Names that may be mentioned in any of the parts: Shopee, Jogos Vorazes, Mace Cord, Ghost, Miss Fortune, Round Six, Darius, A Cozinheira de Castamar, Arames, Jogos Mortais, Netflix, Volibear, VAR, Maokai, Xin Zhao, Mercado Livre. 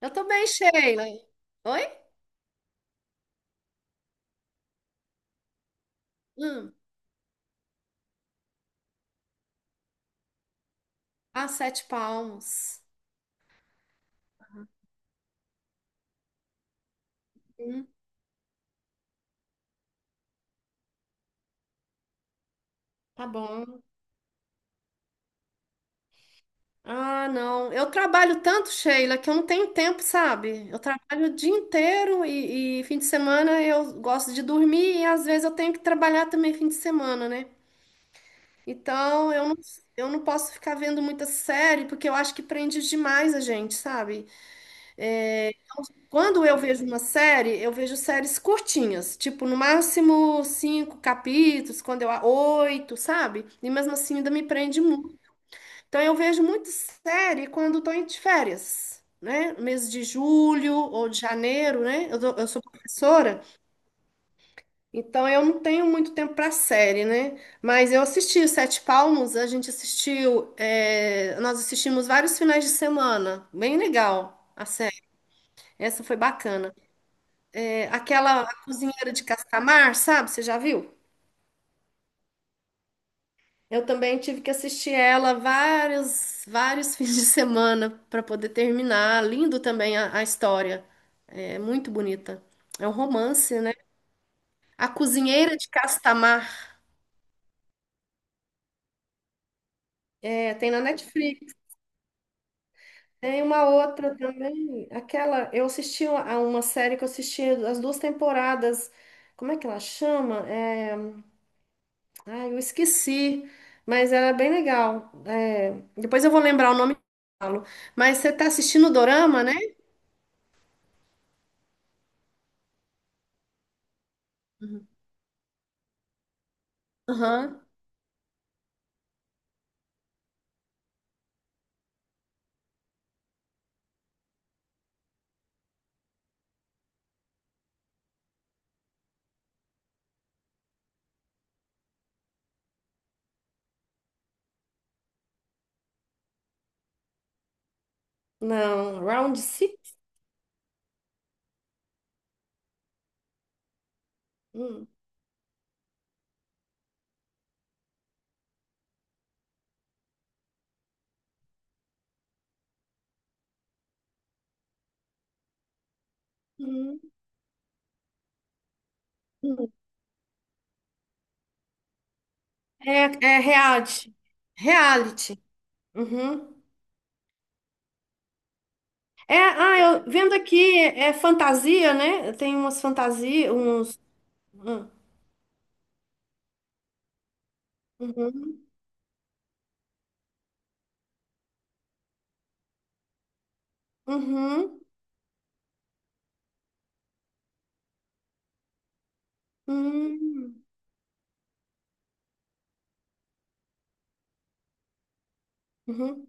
Eu tô bem, Sheila. Oi? Hum. Ah, sete palmos. Hum, tá bom. Ah, não. Eu trabalho tanto, Sheila, que eu não tenho tempo, sabe? Eu trabalho o dia inteiro e fim de semana eu gosto de dormir e às vezes eu tenho que trabalhar também fim de semana, né? Então eu não, eu não posso ficar vendo muita série porque eu acho que prende demais a gente, sabe? Quando eu vejo uma série, eu vejo séries curtinhas, tipo no máximo cinco capítulos, quando eu oito, sabe? E mesmo assim ainda me prende muito. Então eu vejo muita série quando estou de férias, né? Mês de julho ou de janeiro, né? Eu sou professora, então eu não tenho muito tempo para série, né? Mas eu assisti Sete Palmos, a gente assistiu, é, nós assistimos vários finais de semana, bem legal a série. Essa foi bacana. Aquela Cozinheira de Castamar, sabe? Você já viu? Eu também tive que assistir ela vários fins de semana para poder terminar. Lindo também a história. É muito bonita. É um romance, né? A Cozinheira de Castamar. É, tem na Netflix. Tem uma outra também. Aquela. Eu assisti a uma série que eu assisti as duas temporadas. Como é que ela chama? É, ai, eu esqueci, mas era bem legal. É, depois eu vou lembrar o nome e falo. Mas você tá assistindo o Dorama, né? Aham. Não, Round Six? Hum. Uhum. Uhum. É, é reality. Reality. Uhum. É, ah, eu vendo aqui, é fantasia, né? Tem umas fantasias, uns. Uhum. Uhum. Uhum. Uhum. Uhum.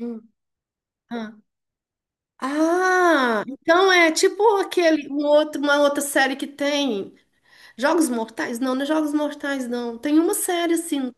Uhum. Ah, então é tipo aquele, um outro, uma outra série que tem Jogos Mortais? Não, não é Jogos Mortais, não. Tem uma série assim,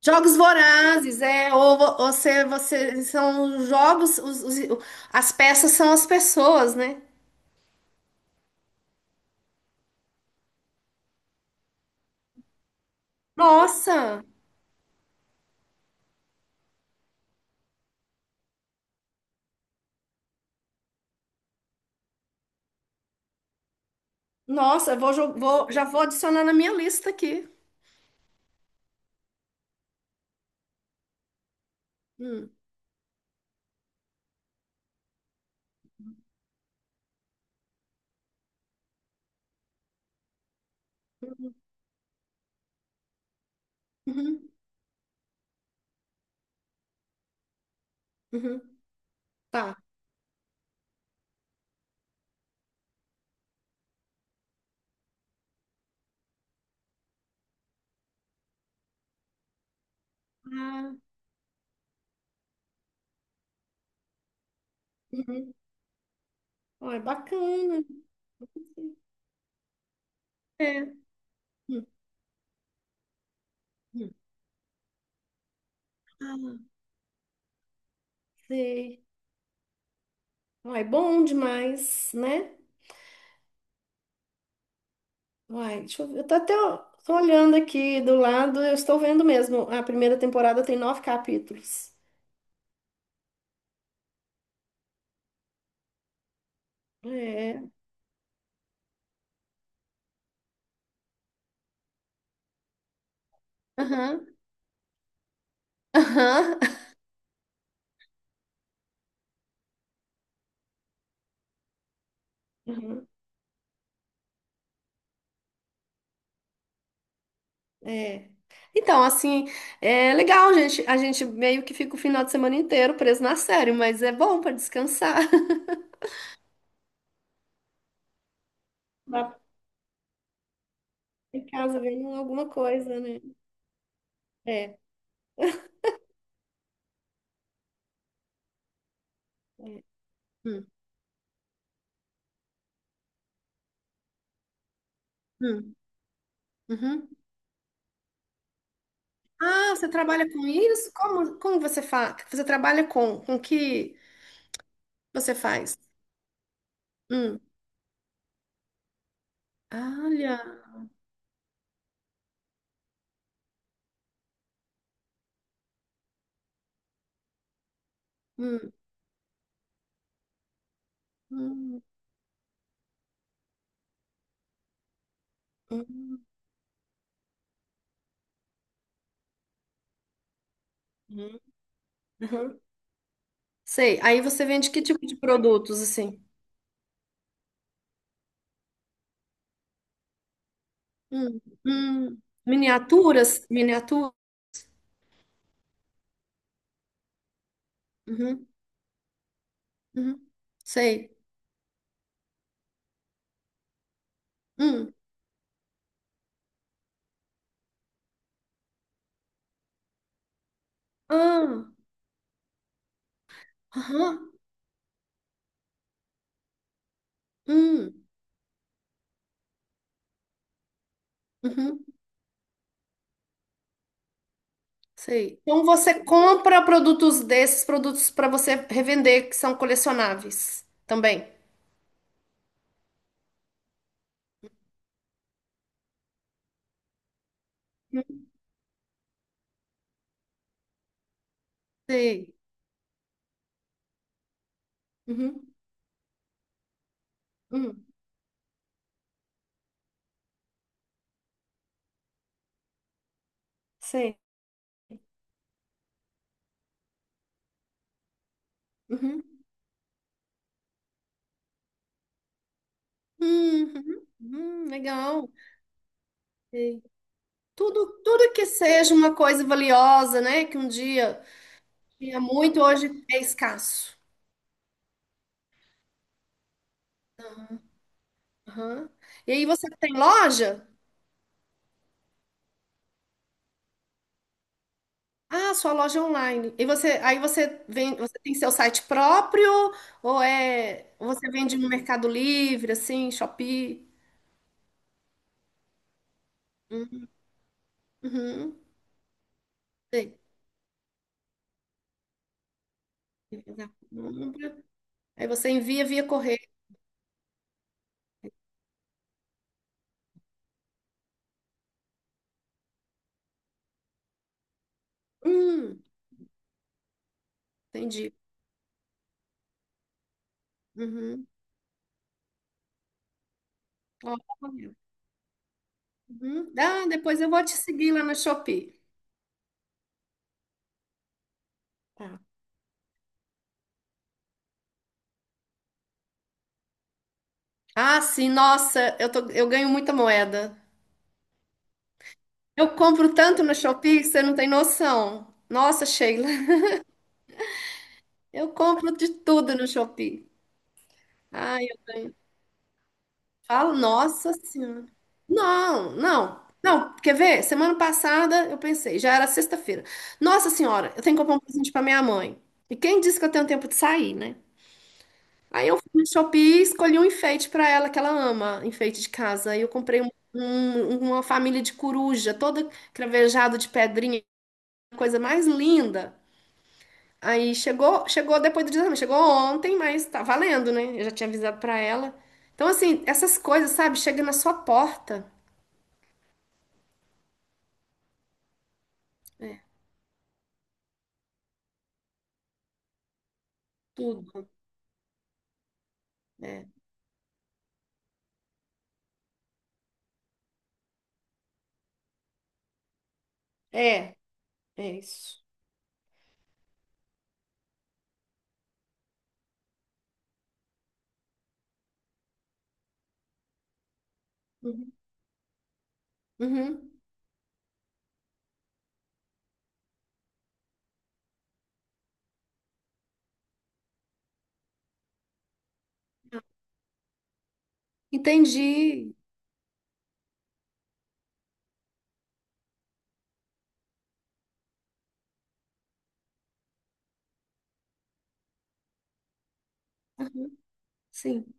Jogos Vorazes, é, ou são os jogos, os as peças são as pessoas, né? Nossa, eu vou, já vou adicionar na minha lista aqui. Hum, uhum, uhum, tá. Ah, uhum. Ó, é bacana. É. Hum, hum. Ah, sei. Uai, é bom demais, né? Uai, deixa eu ver. Eu tô até ó, tô olhando aqui do lado, eu estou vendo mesmo. A primeira temporada tem nove capítulos. É. Aham, aham. Uhum, é. Então, assim, é legal, gente. A gente meio que fica o final de semana inteiro preso na série, mas é bom para descansar. Dá pra ficar em casa vendo alguma coisa, né? É, é. Hum, hum, uhum. Ah, você trabalha com isso? Como, como você faz? Você trabalha com que? Você faz? Hum. Olha. Hum, hum, hum, hum, uhum. Sei. Aí você vende que tipo de produtos, assim? Hum, Miniaturas? Miniatura? Uhum, uhum. Sei. Hum. Ah, aham. Hum, uhum. Sei. Então você compra produtos desses, produtos para você revender, que são colecionáveis também. Hum, Sei. Uhum, hum. Sei. Uhum. Hum, uhum. Uhum. Legal. Sim. Tudo, tudo que seja uma coisa valiosa, né? Que um dia tinha muito, hoje é escasso. Aham. E aí você tem loja? Ah, sua loja é online. E você, aí você vem, você tem seu site próprio ou é, ou você vende no Mercado Livre, assim, Shopee? Hum, Uhum. Sei. Uhum. Aí você envia via correio. Hum, entendi. Uhum. Ó, correio. Uhum. Ah, depois eu vou te seguir lá na Shopee. Tá. Ah, sim, nossa, eu ganho muita moeda. Eu compro tanto no Shopee que você não tem noção. Nossa, Sheila, eu compro de tudo no Shopee. Ai, eu ganho. Falo, nossa senhora. Não, não. Não, quer ver? Semana passada eu pensei, já era sexta-feira. Nossa senhora, eu tenho que comprar um presente para minha mãe. E quem disse que eu tenho tempo de sair, né? Aí eu fui no Shopee e escolhi um enfeite pra ela que ela ama, enfeite de casa. Aí eu comprei uma família de coruja, toda cravejada de pedrinha, coisa mais linda. Aí chegou, chegou depois do exame, chegou ontem, mas tá valendo, né? Eu já tinha avisado pra ela. Então assim, essas coisas, sabe, chega na sua porta. É, tudo. É, é, é isso. Uhum. Uhum. Entendi. Sim.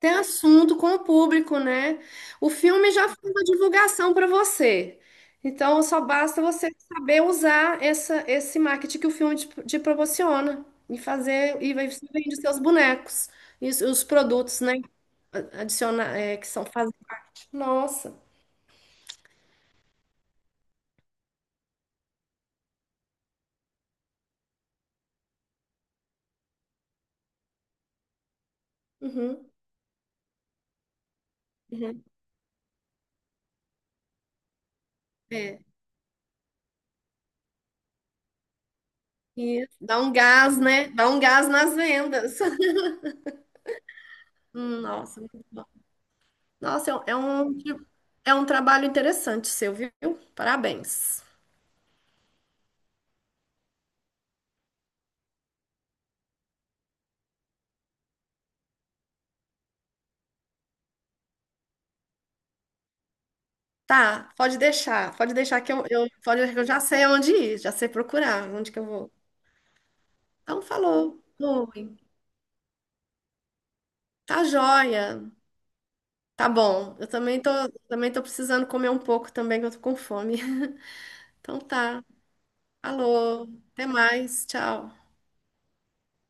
Ter assunto com o público, né? O filme já fez a divulgação para você. Então, só basta você saber usar essa, esse marketing que o filme te proporciona e fazer, e você vende os seus bonecos e os produtos, né? Adicionar, é, que são fazidos. Nossa. Uhum, uhum. É. E dá um gás, né? Dá um gás nas vendas. Nossa, muito bom. Nossa, é um é um trabalho interessante seu, viu? Parabéns. Tá, pode deixar que pode deixar que eu já sei onde ir, já sei procurar, onde que eu vou. Então, falou. Oi. Tá joia. Tá bom. Também tô precisando comer um pouco também, que eu tô com fome. Então tá. Falou. Até mais. Tchau.